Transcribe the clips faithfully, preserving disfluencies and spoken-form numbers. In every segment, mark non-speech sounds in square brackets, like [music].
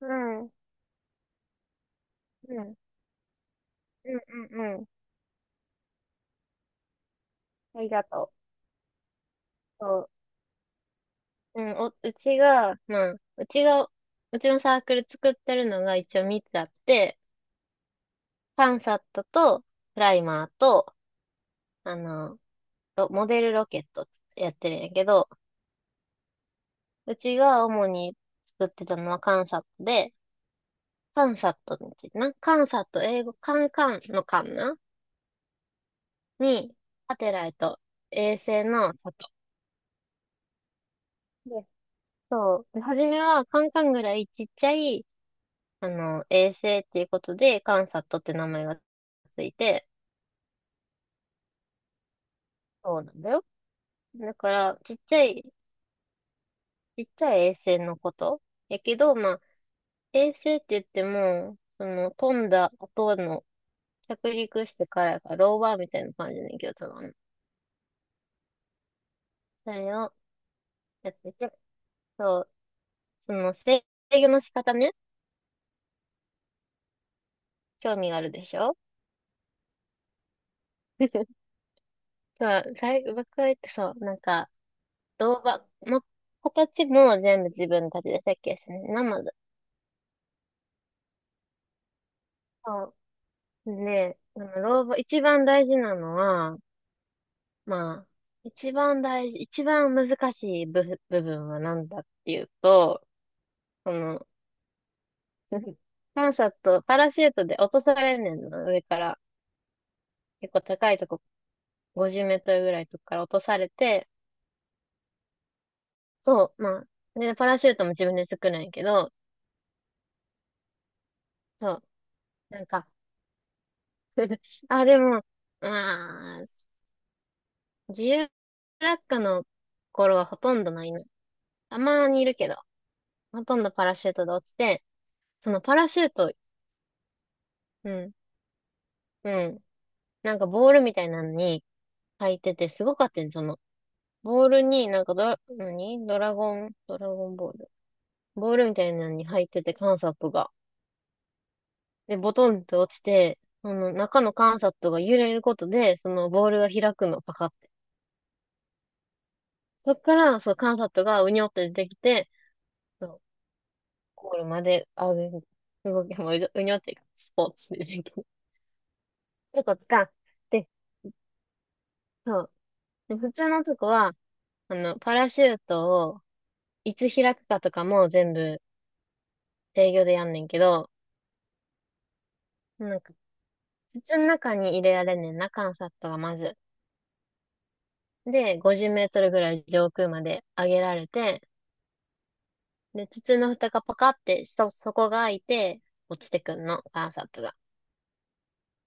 うん、うん、うん、うん、うん。ありがとう。そう。うん、お、うちが、まあ、うちが、うちのサークル作ってるのが一応みっつあって、カンサットと、プライマーと、あの、ロモデルロケットってやってるんやけど、うちが主に作ってたのはカンサットで、カンサットについてな、カンサット、英語、カンカンのカンなに、サテライト、衛星の里。でそう。で初めはカンカンぐらいちっちゃい、あの、衛星っていうことで、カンサットって名前がついて、そうなんだよ。だから、ちっちゃい、ちっちゃい衛星のこと。やけど、まあ、衛星って言っても、その、飛んだ後の、着陸してからやから、ローバーみたいな感じで、けど、多分。それをやってて、そう、その、制御の仕方ね、興味があるでしょ。 [laughs] そう、最後、僕は言って、そう、なんか、ローバー、ま、形も全部自分たちで設計してね、まず。そうで、あの老後、一番大事なのは、まあ、一番大事、一番難しい部、部分は何だっていうと、その、[laughs] パンサット、パラシュートで落とされんねんの、上から。結構高いとこ、ごじゅうメートルぐらいとこから落とされて、そう、まあ、で、パラシュートも自分で作るんやけど、そう、なんか、あ、でも、まあ、自由落下の頃はほとんどないな。たまにいるけど、ほとんどパラシュートで落ちて、そのパラシュート、うん、うん。なんかボールみたいなのに入ってて、すごかったんその、ボールになんかドラ、何ドラゴン、ドラゴンボール。ボールみたいなのに入ってて、観察が。で、ボトンって落ちて、その中の観察が揺れることで、そのボールが開くの、パカって。そっから、そう、観察がうにょって出てきて、そうゴールまで、あ、動きもううにょって、スポーツでできる。[laughs] よかった。で、そう。で普通のとこは、あの、パラシュートをいつ開くかとかも全部制御でやんねんけど、なんか、筒の中に入れられんねんな、缶サットがまず。で、ごじゅうメートルぐらい上空まで上げられて、で、筒の蓋がパカってそ、底が開いて落ちてくんの、缶サットが。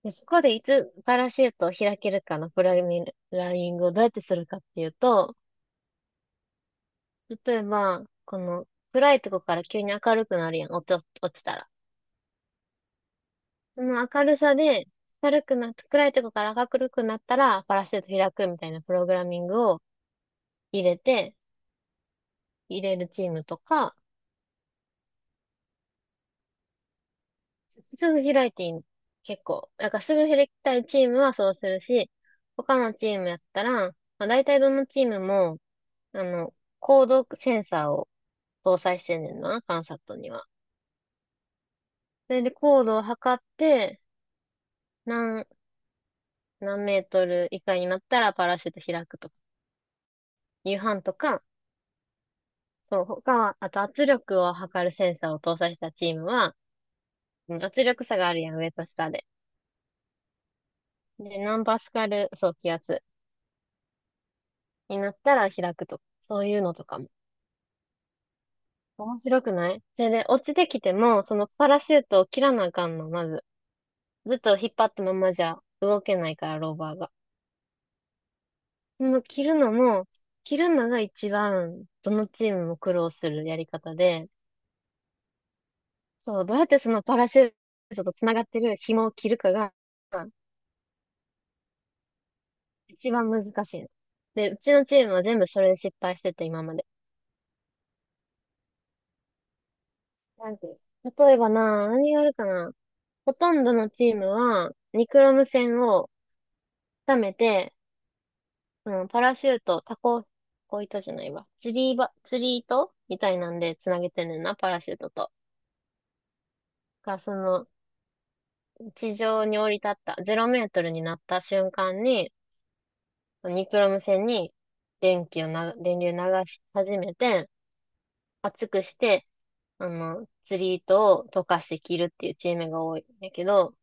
で、そこでいつパラシュートを開けるかのプログラミライングをどうやってするかっていうと、例えば、この暗いとこから急に明るくなるやん、落ち、落ちたら。その明るさで、明るくなっ暗いとこから明るくなったら、パラシュート開くみたいなプログラミングを入れて、入れるチームとか、すぐ開いていいの。結構。だからすぐ開きたいチームはそうするし、他のチームやったら、まあ、大体どのチームも、あの、コードセンサーを搭載してんねんな、カンサットには。それでコードを測って、何、何メートル以下になったらパラシュート開くとか、夕飯とか、そう、他、あと圧力を測るセンサーを搭載したチームは、うん圧力差があるやん、上と下で。で、何パスカル、そう、気圧になったら開くとか、そういうのとかも。面白くないそれで、落ちてきても、そのパラシュートを切らなあかんの、まず。ずっと引っ張ったままじゃ動けないから、ローバーが。その切るのも、切るのが一番、どのチームも苦労するやり方で、そう、どうやってそのパラシュートと繋がってる紐を切るかが、一番難しいの。で、うちのチームは全部それで失敗してて、今まで。なんていう例えばな、何があるかな。ほとんどのチームは、ニクロム線を溜めて、うん、パラシュート、タコ、タコ糸じゃないわ。釣りば、釣り糸みたいなんで繋げてんねんな、パラシュートと。が、その、地上に降り立った、ゼロメートルになった瞬間に、ニクロム線に電気をな、電流流し始めて、厚くして、あの、釣り糸を溶かして着るっていうチームが多いんだけど、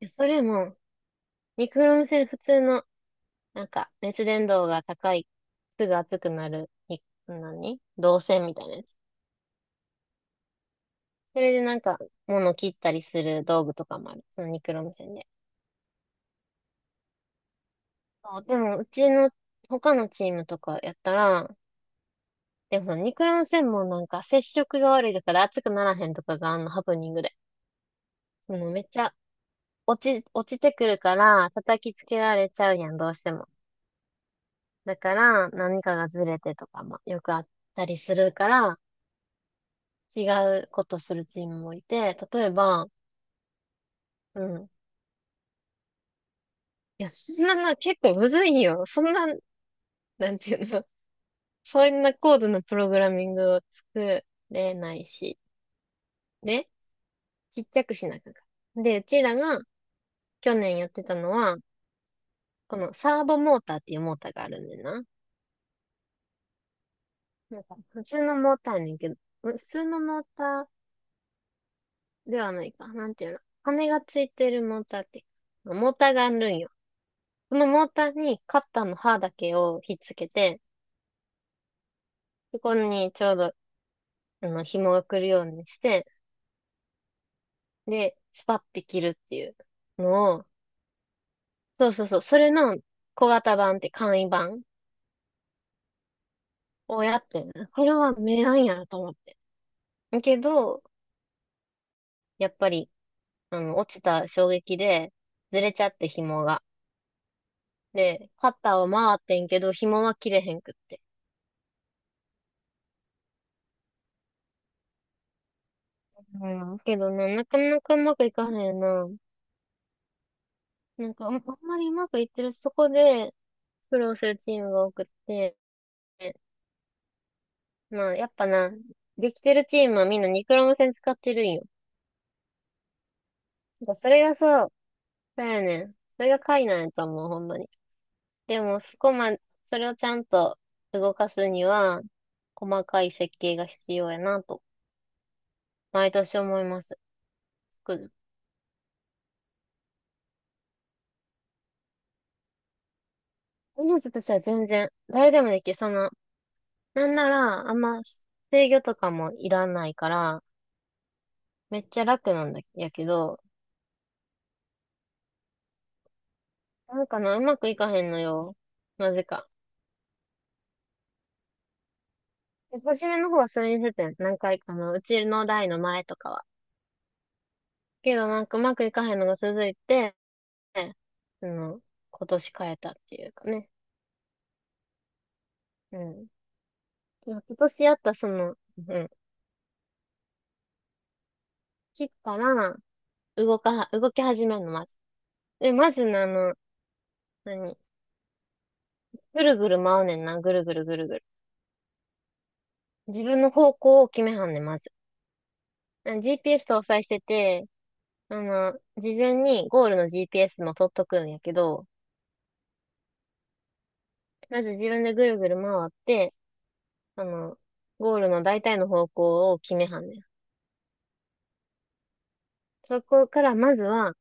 いやそれも、ニクロン線普通の、なんか、熱伝導が高い、すぐ熱くなる、に何導線みたいなやつ。それでなんか、物切ったりする道具とかもある。そのニクロン線で。そう、でも、うちの、他のチームとかやったら、でもニクロン線もなんか接触が悪いだから熱くならへんとかがあんのハプニングで。もうめっちゃ落ち、落ちてくるから、叩きつけられちゃうやん、どうしても。だから、何かがずれてとかもよくあったりするから、違うことするチームもいて、例えば、うん。いや、そんなの結構むずいんよ。そんな、なんていうの、そんな高度なプログラミングを作れないし、で、ちっちゃくしなきゃいけないで、うちらが去年やってたのは、このサーボモーターっていうモーターがあるんだよな。なんか、普通のモーターやねんけど、普通のモーターではないか。なんていうの。羽がついてるモーターって。モーターがあるんよ。そのモーターにカッターの刃だけをひっつけて、そこにちょうど、あの、紐が来るようにして、で、スパッて切るっていうのを、そうそうそう、それの小型版って簡易版をやってんなこれは名案やなと思って。けど、やっぱり、あの、落ちた衝撃で、ずれちゃって紐が。で、カッターは回ってんけど、紐は切れへんくって。うん。けどな、なかなかうまくいかへんな。なんか、あんあんまりうまくいってる、そこで苦労するチームが多くって、まあ、やっぱな、できてるチームはみんなニクロム線使ってるんよ。なんかそれがそう、そうやねん。それが解なんやと思う、ほんまに。でも、そこま、それをちゃんと動かすには、細かい設計が必要やなと、毎年思います。つくづく思います私は全然、誰でもできる。その、なんなら、あんま制御とかもいらないから、めっちゃ楽なんだやけど、なんかな、うまくいかへんのよ。なぜか。で初めの方はそれにせてん、何回かの、うちの代の前とかは。けどなんかうまくいかへんのが続いて、その、今年変えたっていうかね。うん。今年やったその、うん。切ったら、動かは、動き始めるの、まず。で、まずね、あの、何ぐるぐる回うねんな、ぐるぐるぐるぐる。自分の方向を決めはんねん、まず。あ ジーピーエス 搭載してて、あの、事前にゴールの ジーピーエス も取っとくんやけど、まず自分でぐるぐる回って、あの、ゴールの大体の方向を決めはんねん。そこからまずは、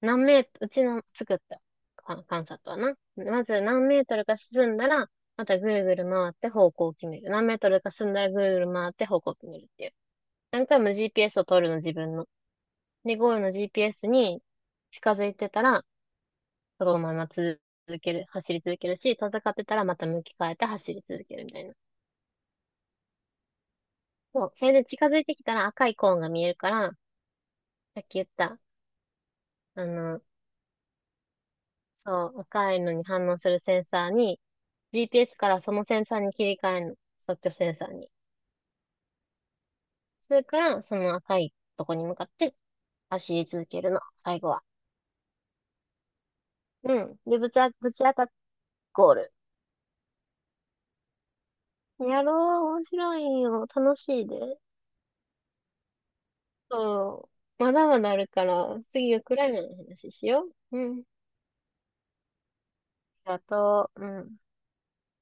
何メートル、うちの作ったか観察はな。まず何メートルか進んだら、またぐるぐる回って方向を決める。何メートルか進んだらぐるぐる回って方向を決めるっていう。何回も ジーピーエス を取るの自分の。で、ゴールの ジーピーエス に近づいてたら、そのまま続ける、走り続けるし、遠ざかってたらまた向き変えて走り続けるみたいな。そう。それで近づいてきたら赤いコーンが見えるから、さっき言った、あの、そう、赤いのに反応するセンサーに、ジーピーエス からそのセンサーに切り替えるの。即興センサーに。それから、その赤いとこに向かって走り続けるの。最後は。うん。で、ぶちあ、ぶち当たっゴール。やろう。面白いよ。楽しいで。そう。まだまだあるから、次はクライマーの話しよう。うん。ありがとう。うん。